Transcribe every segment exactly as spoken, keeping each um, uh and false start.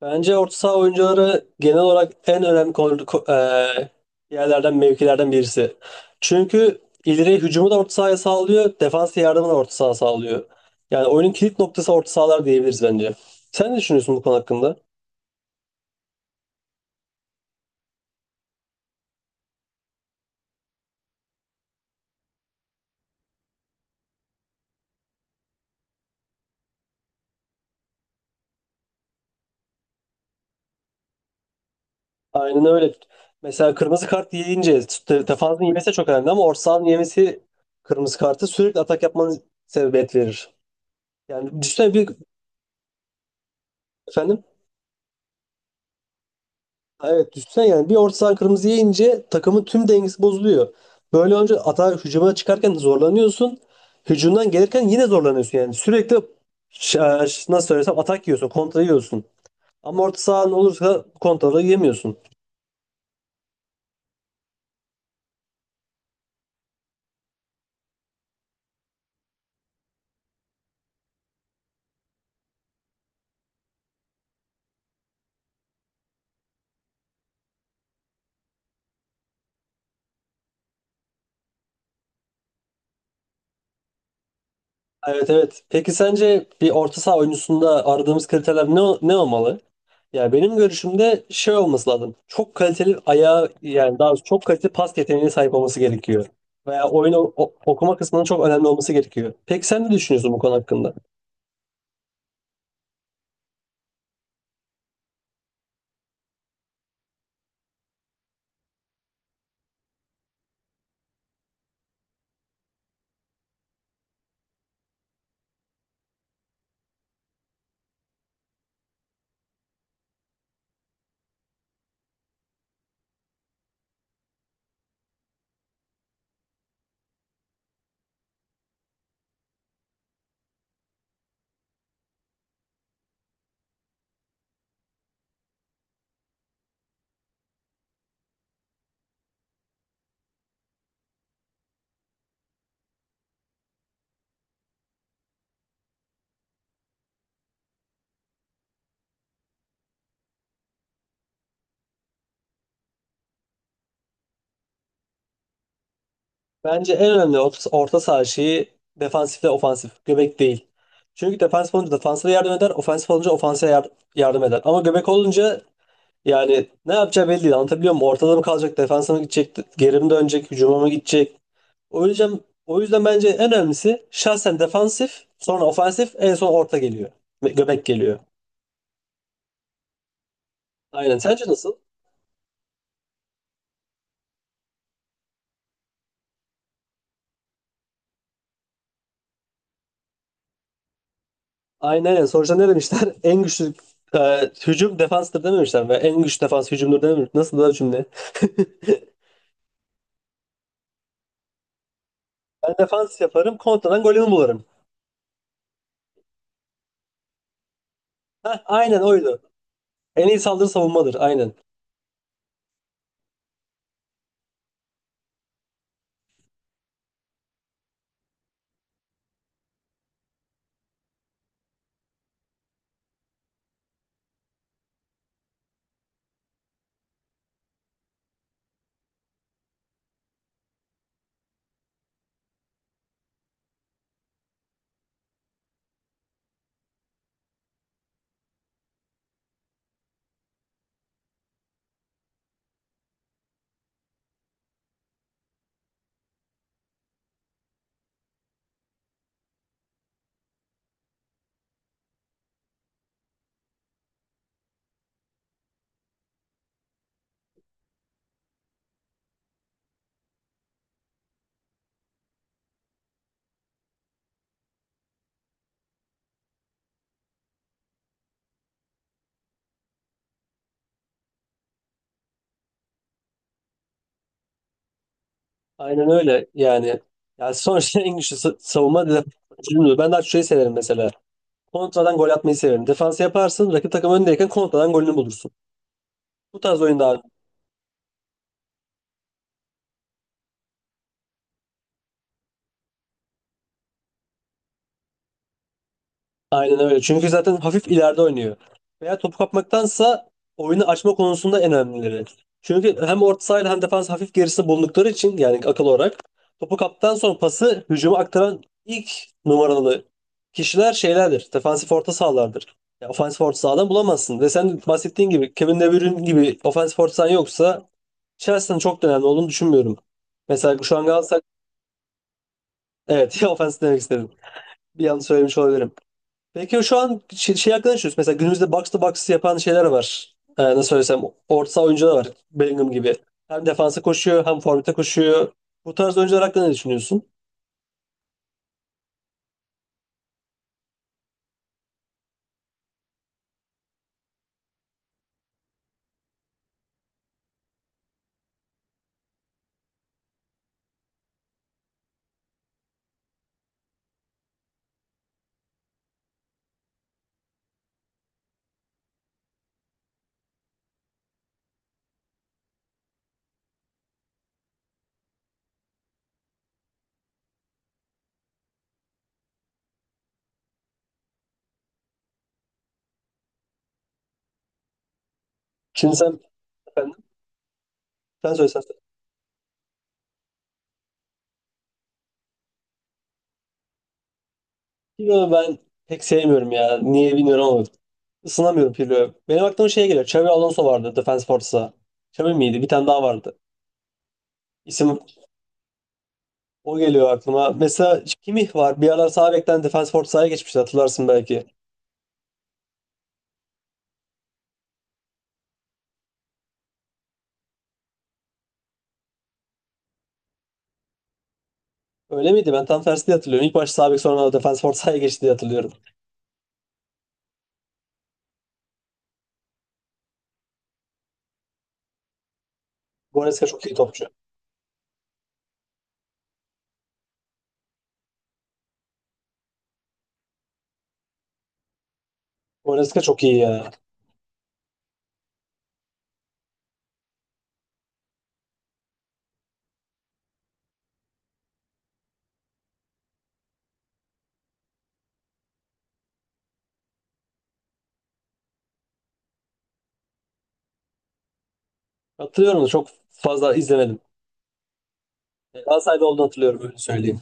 Bence orta saha oyuncuları genel olarak en önemli kol- ko- eee, yerlerden, mevkilerden birisi. Çünkü ileri hücumu da orta sahaya sağlıyor, defansa yardımı da orta saha sağlıyor. Yani oyunun kilit noktası orta sahalar diyebiliriz bence. Sen ne düşünüyorsun bu konu hakkında? Aynen öyle. Mesela kırmızı kart yiyince te- defansın yemesi çok önemli, ama orta sahanın yemesi kırmızı kartı sürekli atak yapmanı sebebiyet verir. Yani düşünsene bir. Efendim? Ha, evet, düşünsene, yani bir orta sahan kırmızı yiyince takımın tüm dengesi bozuluyor. Böyle önce atağa hücuma çıkarken zorlanıyorsun. Hücumdan gelirken yine zorlanıyorsun yani. Sürekli ş- ş- nasıl söylesem, atak yiyorsun, kontra yiyorsun. Ama orta sahan olursa kontraları yemiyorsun. Evet, evet. Peki sence bir orta saha oyuncusunda aradığımız kriterler ne, ne olmalı? Ya benim görüşümde şey olması lazım. Çok kaliteli ayağı, yani daha doğrusu çok kaliteli pas yeteneğine sahip olması gerekiyor. Veya oyunu o- okuma kısmının çok önemli olması gerekiyor. Peki sen ne düşünüyorsun bu konu hakkında? Bence en önemli orta, orta saha şeyi defansif ve ofansif. Göbek değil. Çünkü defansif olunca defansa yardım eder, ofansif olunca ofansa yar- yardım eder. Ama göbek olunca, yani ne yapacağı belli değil. Anlatabiliyor muyum? Ortada mı kalacak, defansa mı gidecek, geri mi dönecek, hücuma mı gidecek? O yüzden o yüzden bence en önemlisi şahsen defansif, sonra ofansif, en son orta geliyor. Ve göbek geliyor. Aynen. Sence nasıl? Aynen, aynen. Sonuçta ne demişler? En güçlü e, hücum defanstır dememişler. Ve en güçlü defans hücumdur dememiş. Nasıl da cümle? Ben defans yaparım, kontradan golümü bularım. Heh, aynen oydu. En iyi saldırı savunmadır. Aynen. Aynen öyle yani. Yani sonuçta en güçlü sa- savunma defans. Ben daha çok şeyi severim mesela. Kontradan gol atmayı severim. Defans yaparsın, rakip takım öndeyken kontradan golünü bulursun. Bu tarz oyun daha... Aynen öyle. Çünkü zaten hafif ileride oynuyor. Veya topu kapmaktansa oyunu açma konusunda en önemlileri. Çünkü hem orta sahayla hem defans hafif gerisi bulundukları için, yani akıl olarak topu kaptan sonra pası hücuma aktaran ilk numaralı kişiler şeylerdir. Defansif orta sahalardır. Ya ofansif orta sahadan bulamazsın. Ve sen bahsettiğin gibi, Kevin De Bruyne gibi ofansif orta sahan yoksa Chelsea'nin çok da önemli olduğunu düşünmüyorum. Mesela şu an Galatasaray evet. Ya ofans demek istedim. Bir yanlış söylemiş olabilirim. Peki şu an şey, şey hakkında düşünüyorsun. Mesela günümüzde box to box yapan şeyler var. Ee, nasıl söylesem, orta saha oyuncular var. Bellingham gibi. Hem defansa koşuyor hem forvete koşuyor. Bu tarz oyuncular hakkında ne düşünüyorsun? Şimdi sen... Efendim? Sen söyle, sen söyle. Pirlo'yu ben pek sevmiyorum ya. Niye bilmiyorum ama ısınamıyorum Pirlo'ya. Benim aklıma şey geliyor. Xabi Alonso vardı Defense Force'a. Xabi miydi? Bir tane daha vardı. İsim o geliyor aklıma. Mesela Kimmich var. Bir aralar sağ bekten Defense Force'a geçmişti, hatırlarsın belki. Öyle miydi? Ben tam tersi diye hatırlıyorum. İlk başta sağ bek, sonra defans ortaya geçti diye hatırlıyorum. Goretzka çok iyi topçu. Goretzka çok iyi ya. Hatırlıyorum da çok fazla izlemedim. Yani Galatasaray'da olduğunu hatırlıyorum, öyle söyleyeyim.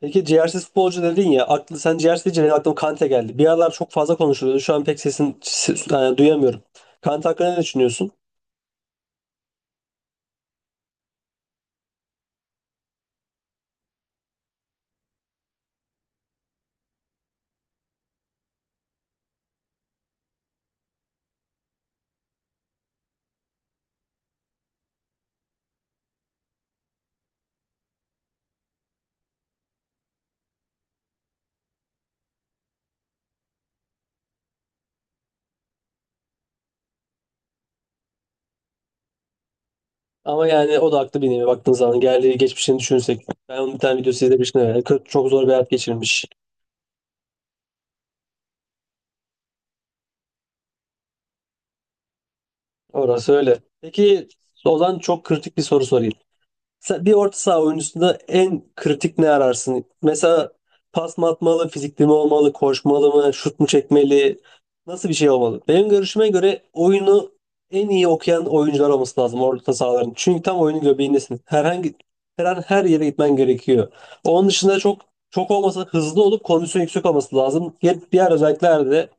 Peki ciğersiz futbolcu dedin ya. Aklı, sen ciğersiz deyince benim aklıma Kante geldi. Bir aralar çok fazla konuşuluyordu. Şu an pek sesini ses- yani duyamıyorum. Kante hakkında ne düşünüyorsun? Ama yani o da haklı bir nevi baktığın zaman. Geldiği geçmişini düşünsek. Ben onun bir tane videosu izlemiştim. Yani kö- çok zor bir hayat geçirmiş. Orası öyle. Peki Ozan, çok kritik bir soru sorayım. Sen- Bir orta saha oyuncusunda en kritik ne ararsın? Mesela pas mı atmalı, fizikli mi olmalı, koşmalı mı, şut mu çekmeli? Nasıl bir şey olmalı? Benim görüşüme göre oyunu en iyi okuyan oyuncular olması lazım orta sahaların. Çünkü tam oyunun göbeğindesin. Herhangi, her an her yere gitmen gerekiyor. Onun dışında çok çok olmasa hızlı olup kondisyon yüksek olması lazım. Diğer diğer özellikler de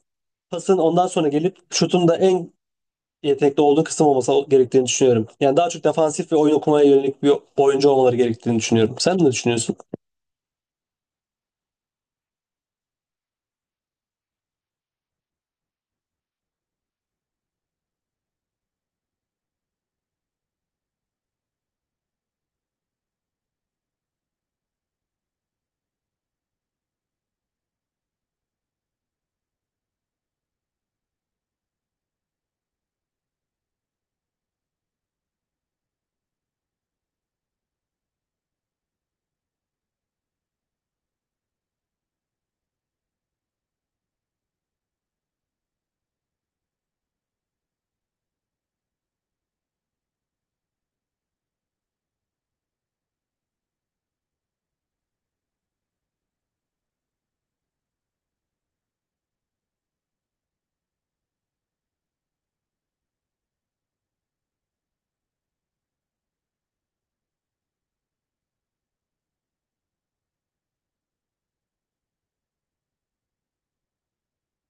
pasın ondan sonra gelip şutun da en yetenekli olduğu kısım olması gerektiğini düşünüyorum. Yani daha çok defansif ve oyun okumaya yönelik bir oyuncu olmaları gerektiğini düşünüyorum. Sen ne düşünüyorsun?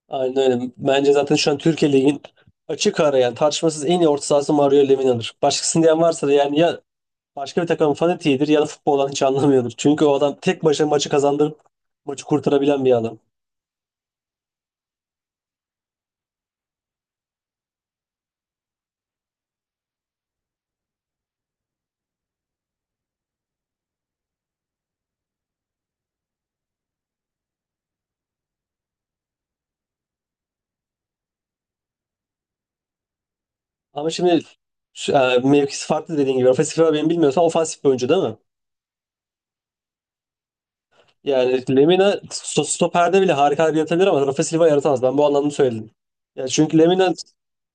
Aynen öyle. Bence zaten şu an Türkiye Ligi'nin açık ara, yani tartışmasız en iyi orta sahası Mario Lemina'dır. Başkasını diyen varsa da yani ya başka bir takımın fanatiğidir ya da futboldan hiç anlamıyordur. Çünkü o adam tek başına maçı kazandırıp maçı kurtarabilen bir adam. Ama şimdi şu- e, mevkisi farklı dediğin gibi. Ofensif olarak, benim bilmiyorsam, ofansif bir oyuncu değil mi? Yani Lemina sto- stoperde bile harikalar yaratabilir ama Rafa Silva yaratamaz. Ben bu anlamda söyledim. Yani çünkü Lemina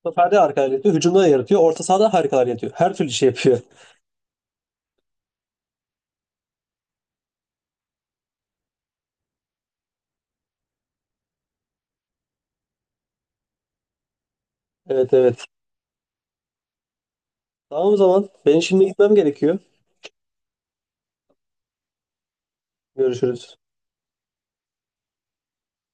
stoperde harikalar yaratıyor, hücumda da yaratıyor, orta sahada harikalar yaratıyor. Her türlü şey yapıyor. Evet, evet. Tamam o zaman. Benim şimdi gitmem gerekiyor. Görüşürüz.